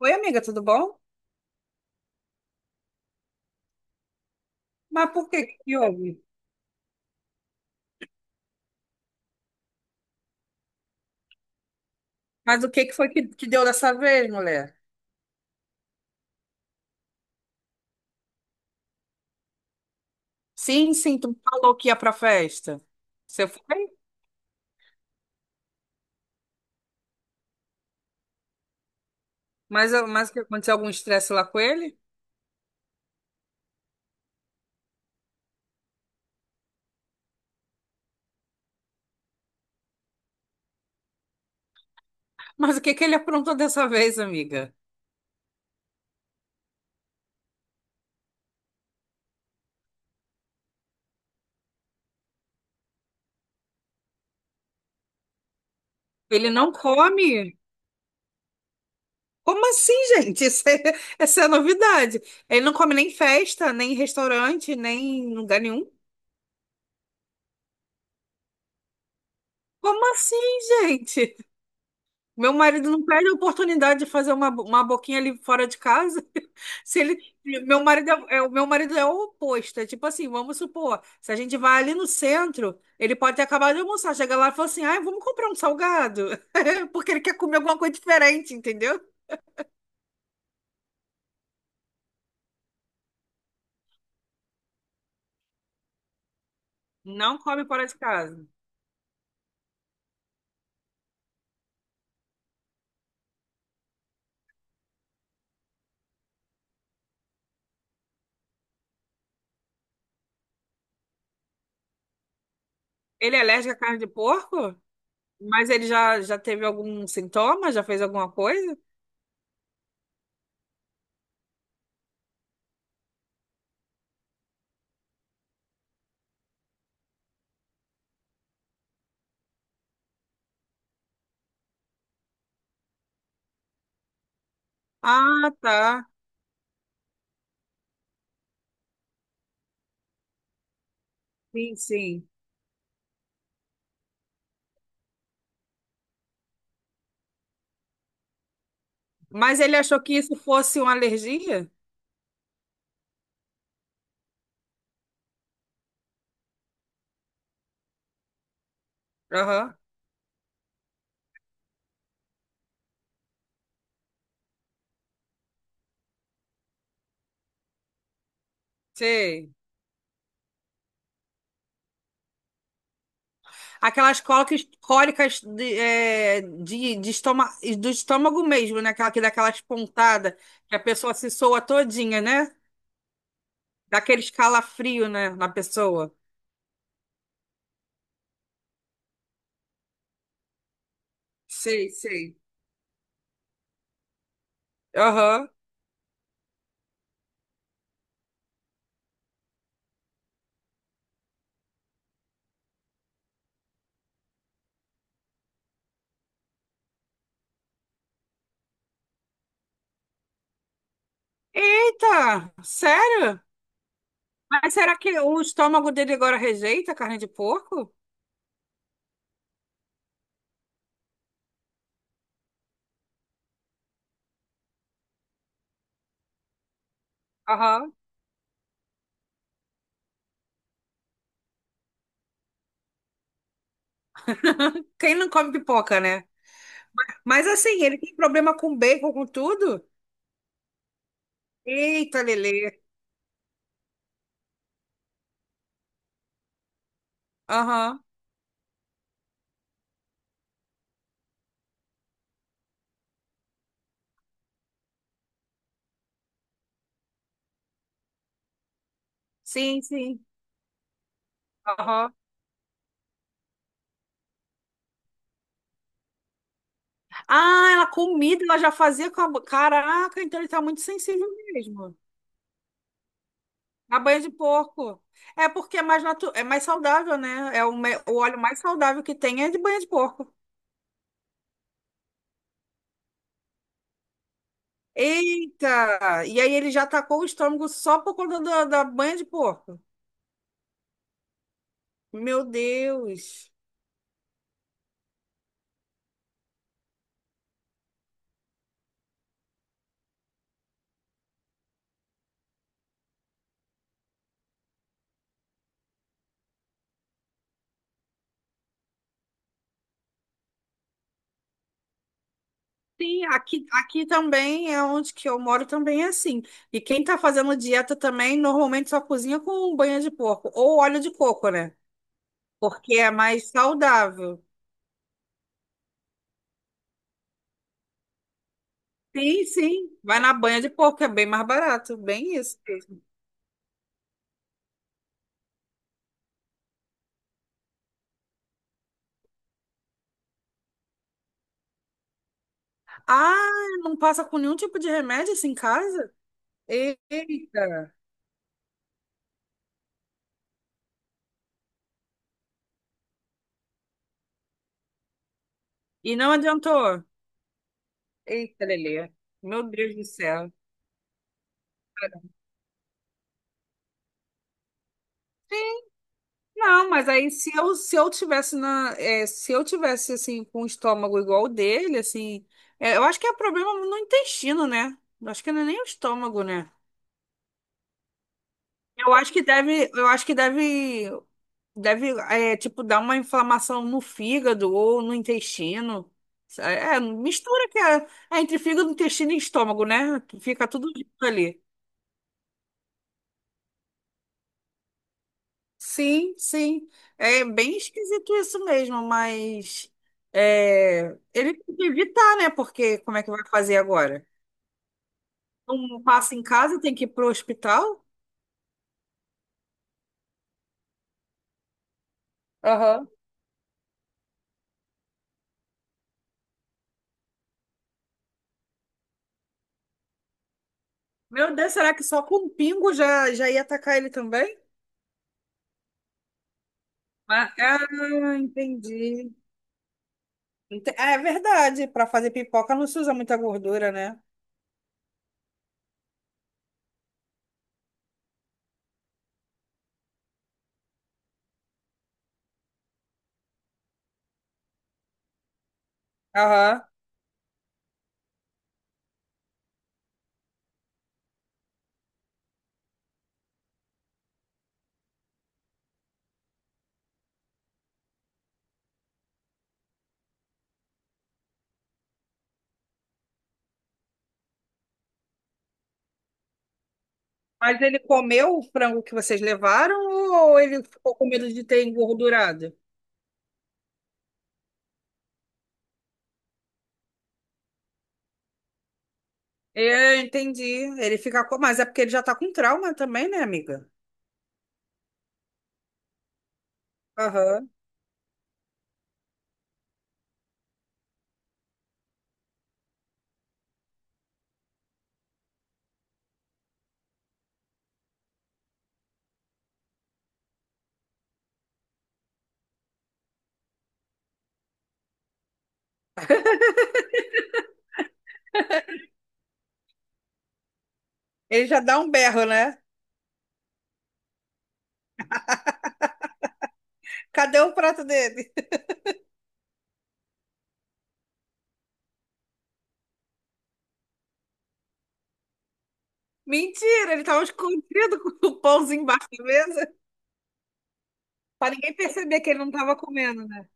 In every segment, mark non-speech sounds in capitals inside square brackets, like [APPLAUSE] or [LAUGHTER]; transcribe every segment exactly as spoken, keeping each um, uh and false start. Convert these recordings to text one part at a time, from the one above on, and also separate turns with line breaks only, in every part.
Oi, amiga, tudo bom? Mas por que que houve? Mas o que que foi que, que deu dessa vez, mulher? Sim, sim, tu me falou que ia pra festa. Você foi? Mas, mas que aconteceu algum estresse lá com ele? Mas o que que ele aprontou dessa vez, amiga? Ele não come? Como assim, [LAUGHS] gente? Isso é, essa é a novidade. Ele não come nem festa, nem restaurante, nem em lugar nenhum. Como assim, gente? Meu marido não perde a oportunidade de fazer uma, uma boquinha ali fora de casa. [LAUGHS] Se ele, meu marido é, é- o meu marido é o oposto. É tipo assim, vamos supor, se a gente vai ali no centro, ele pode ter acabado de almoçar, chega lá e fala assim, ai, vamos comprar um salgado, [LAUGHS] porque ele quer comer alguma coisa diferente, entendeu? Não come fora de casa. Ele é alérgico à carne de porco? Mas ele já, já teve algum sintoma? Já fez alguma coisa? Ah, tá. Sim, sim. Mas ele achou que isso fosse uma alergia? Aham. Sei. Aquelas cólicas, cólicas de, é, de, de estômago, do estômago mesmo, né? Aquela que dá aquelas pontadas, que a pessoa se soa todinha, né? Dá aquele escalafrio, né, na pessoa. Sei, sei. Aham. Eita, sério? Mas será que o estômago dele agora rejeita a carne de porco? Aham. Quem não come pipoca, né? Mas assim, ele tem problema com bacon, com tudo? Eita, Lelê. Aham. Sim, sim. Aham. Ah, ela comida, ela já fazia com a... Caraca, então ele tá muito sensível mesmo. A banha de porco. É porque é mais natu... é mais saudável, né? É o, me- o óleo mais saudável que tem é de banha de porco. Eita! E aí ele já atacou o estômago só por conta da, da banha de porco. Meu Deus. Sim, aqui, aqui também é onde que eu moro também é assim. E quem tá fazendo dieta também normalmente só cozinha com banha de porco ou óleo de coco, né? Porque é mais saudável. Sim, sim. Vai na banha de porco, que é bem mais barato. Bem isso. Mesmo. Ah, não passa com nenhum tipo de remédio assim em casa? Eita. E não adiantou? Eita, Lelê. Meu Deus do céu. Não, mas aí se eu, se eu tivesse na, é, se eu tivesse assim com o estômago igual o dele, assim, é, eu acho que é problema no intestino, né? Eu acho que não é nem o estômago, né? Eu acho que deve, eu acho que deve. Deve, é, tipo, dar uma inflamação no fígado ou no intestino. É, mistura que é, é entre fígado, intestino e estômago, né? Fica tudo junto ali. Sim, sim. É bem esquisito isso mesmo, mas é, ele tem que evitar, né? Porque como é que vai fazer agora? Um passa em casa, tem que ir pro hospital? Aham. Meu Deus, será que só com um pingo já, já ia atacar ele também? Ah, ah, entendi. Ente- É verdade, para fazer pipoca não se usa muita gordura, né? Aham. Mas ele comeu o frango que vocês levaram ou ele ficou com medo de ter engordurado? Eu entendi. Ele fica com... Mas é porque ele já tá com trauma também, né, amiga? Aham. Ele já dá um berro, né? Cadê o prato dele? [LAUGHS] Mentira, ele tava escondido com o pãozinho embaixo da mesa. Pra ninguém perceber que ele não tava comendo, né?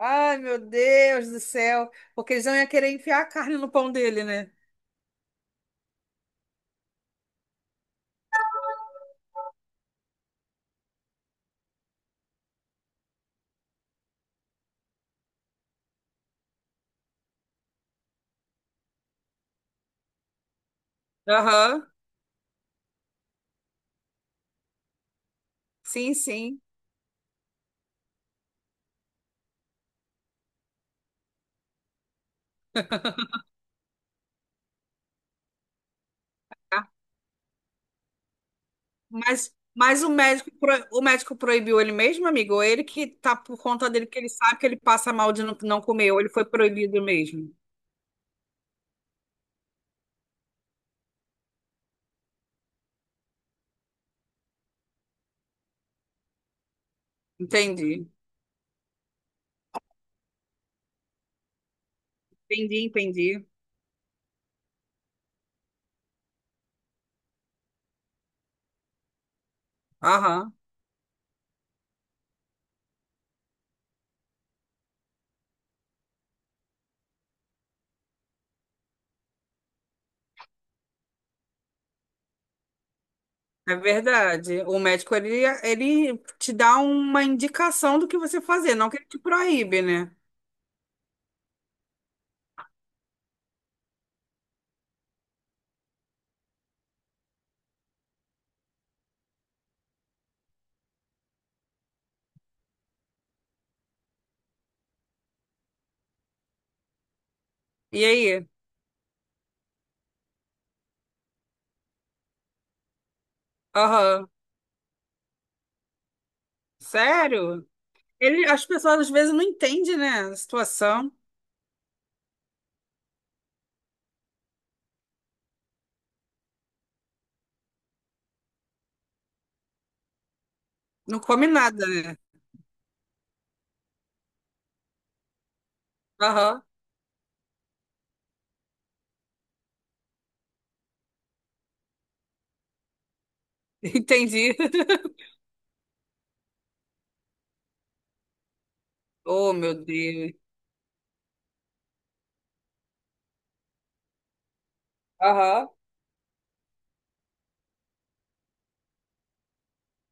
Ai, meu Deus do céu. Porque eles não iam querer enfiar a carne no pão dele, né? Aham. Sim, sim. Tá. Mas, mas o médico, pro- o médico proibiu ele mesmo, amigo? Ou ele que tá por conta dele, que ele sabe que ele passa mal de não, não comer, ou ele foi proibido mesmo? Entendi. Entendi, entendi. Aham. É verdade. O médico, ele, ele te dá uma indicação do que você fazer, não que ele te proíbe, né? E aí? Aham. Sério? Ele, as pessoas às vezes não entendem, né? A situação. Não come nada, né? Aham. [LAUGHS] Entendi. [LAUGHS] Oh, meu Deus. Aham.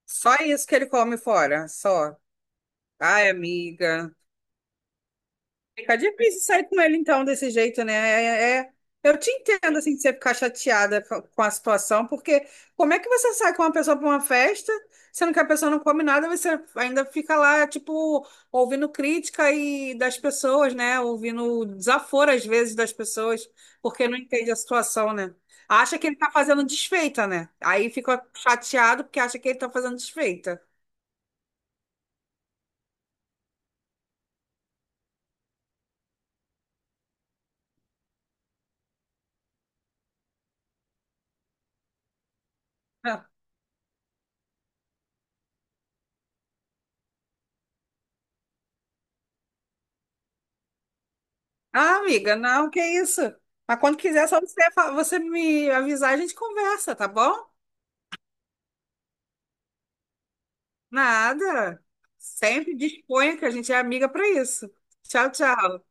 Só isso que ele come fora, só. Ai, amiga. Fica difícil sair com ele, então, desse jeito, né? É, é- é, Eu te entendo, assim, de você ficar chateada co- com a situação, porque como é que você sai com uma pessoa para uma festa, sendo que a pessoa não come nada, você ainda fica lá, tipo, ouvindo crítica e das pessoas, né? Ouvindo desaforo, às vezes, das pessoas, porque não entende a situação, né? Acha que ele tá fazendo desfeita, né? Aí fica chateado porque acha que ele tá fazendo desfeita. Ah, amiga, não, que isso? Mas quando quiser, é só você, fa- você me avisar, a gente conversa, tá bom? Nada. Sempre disponha que a gente é amiga para isso. Tchau, tchau.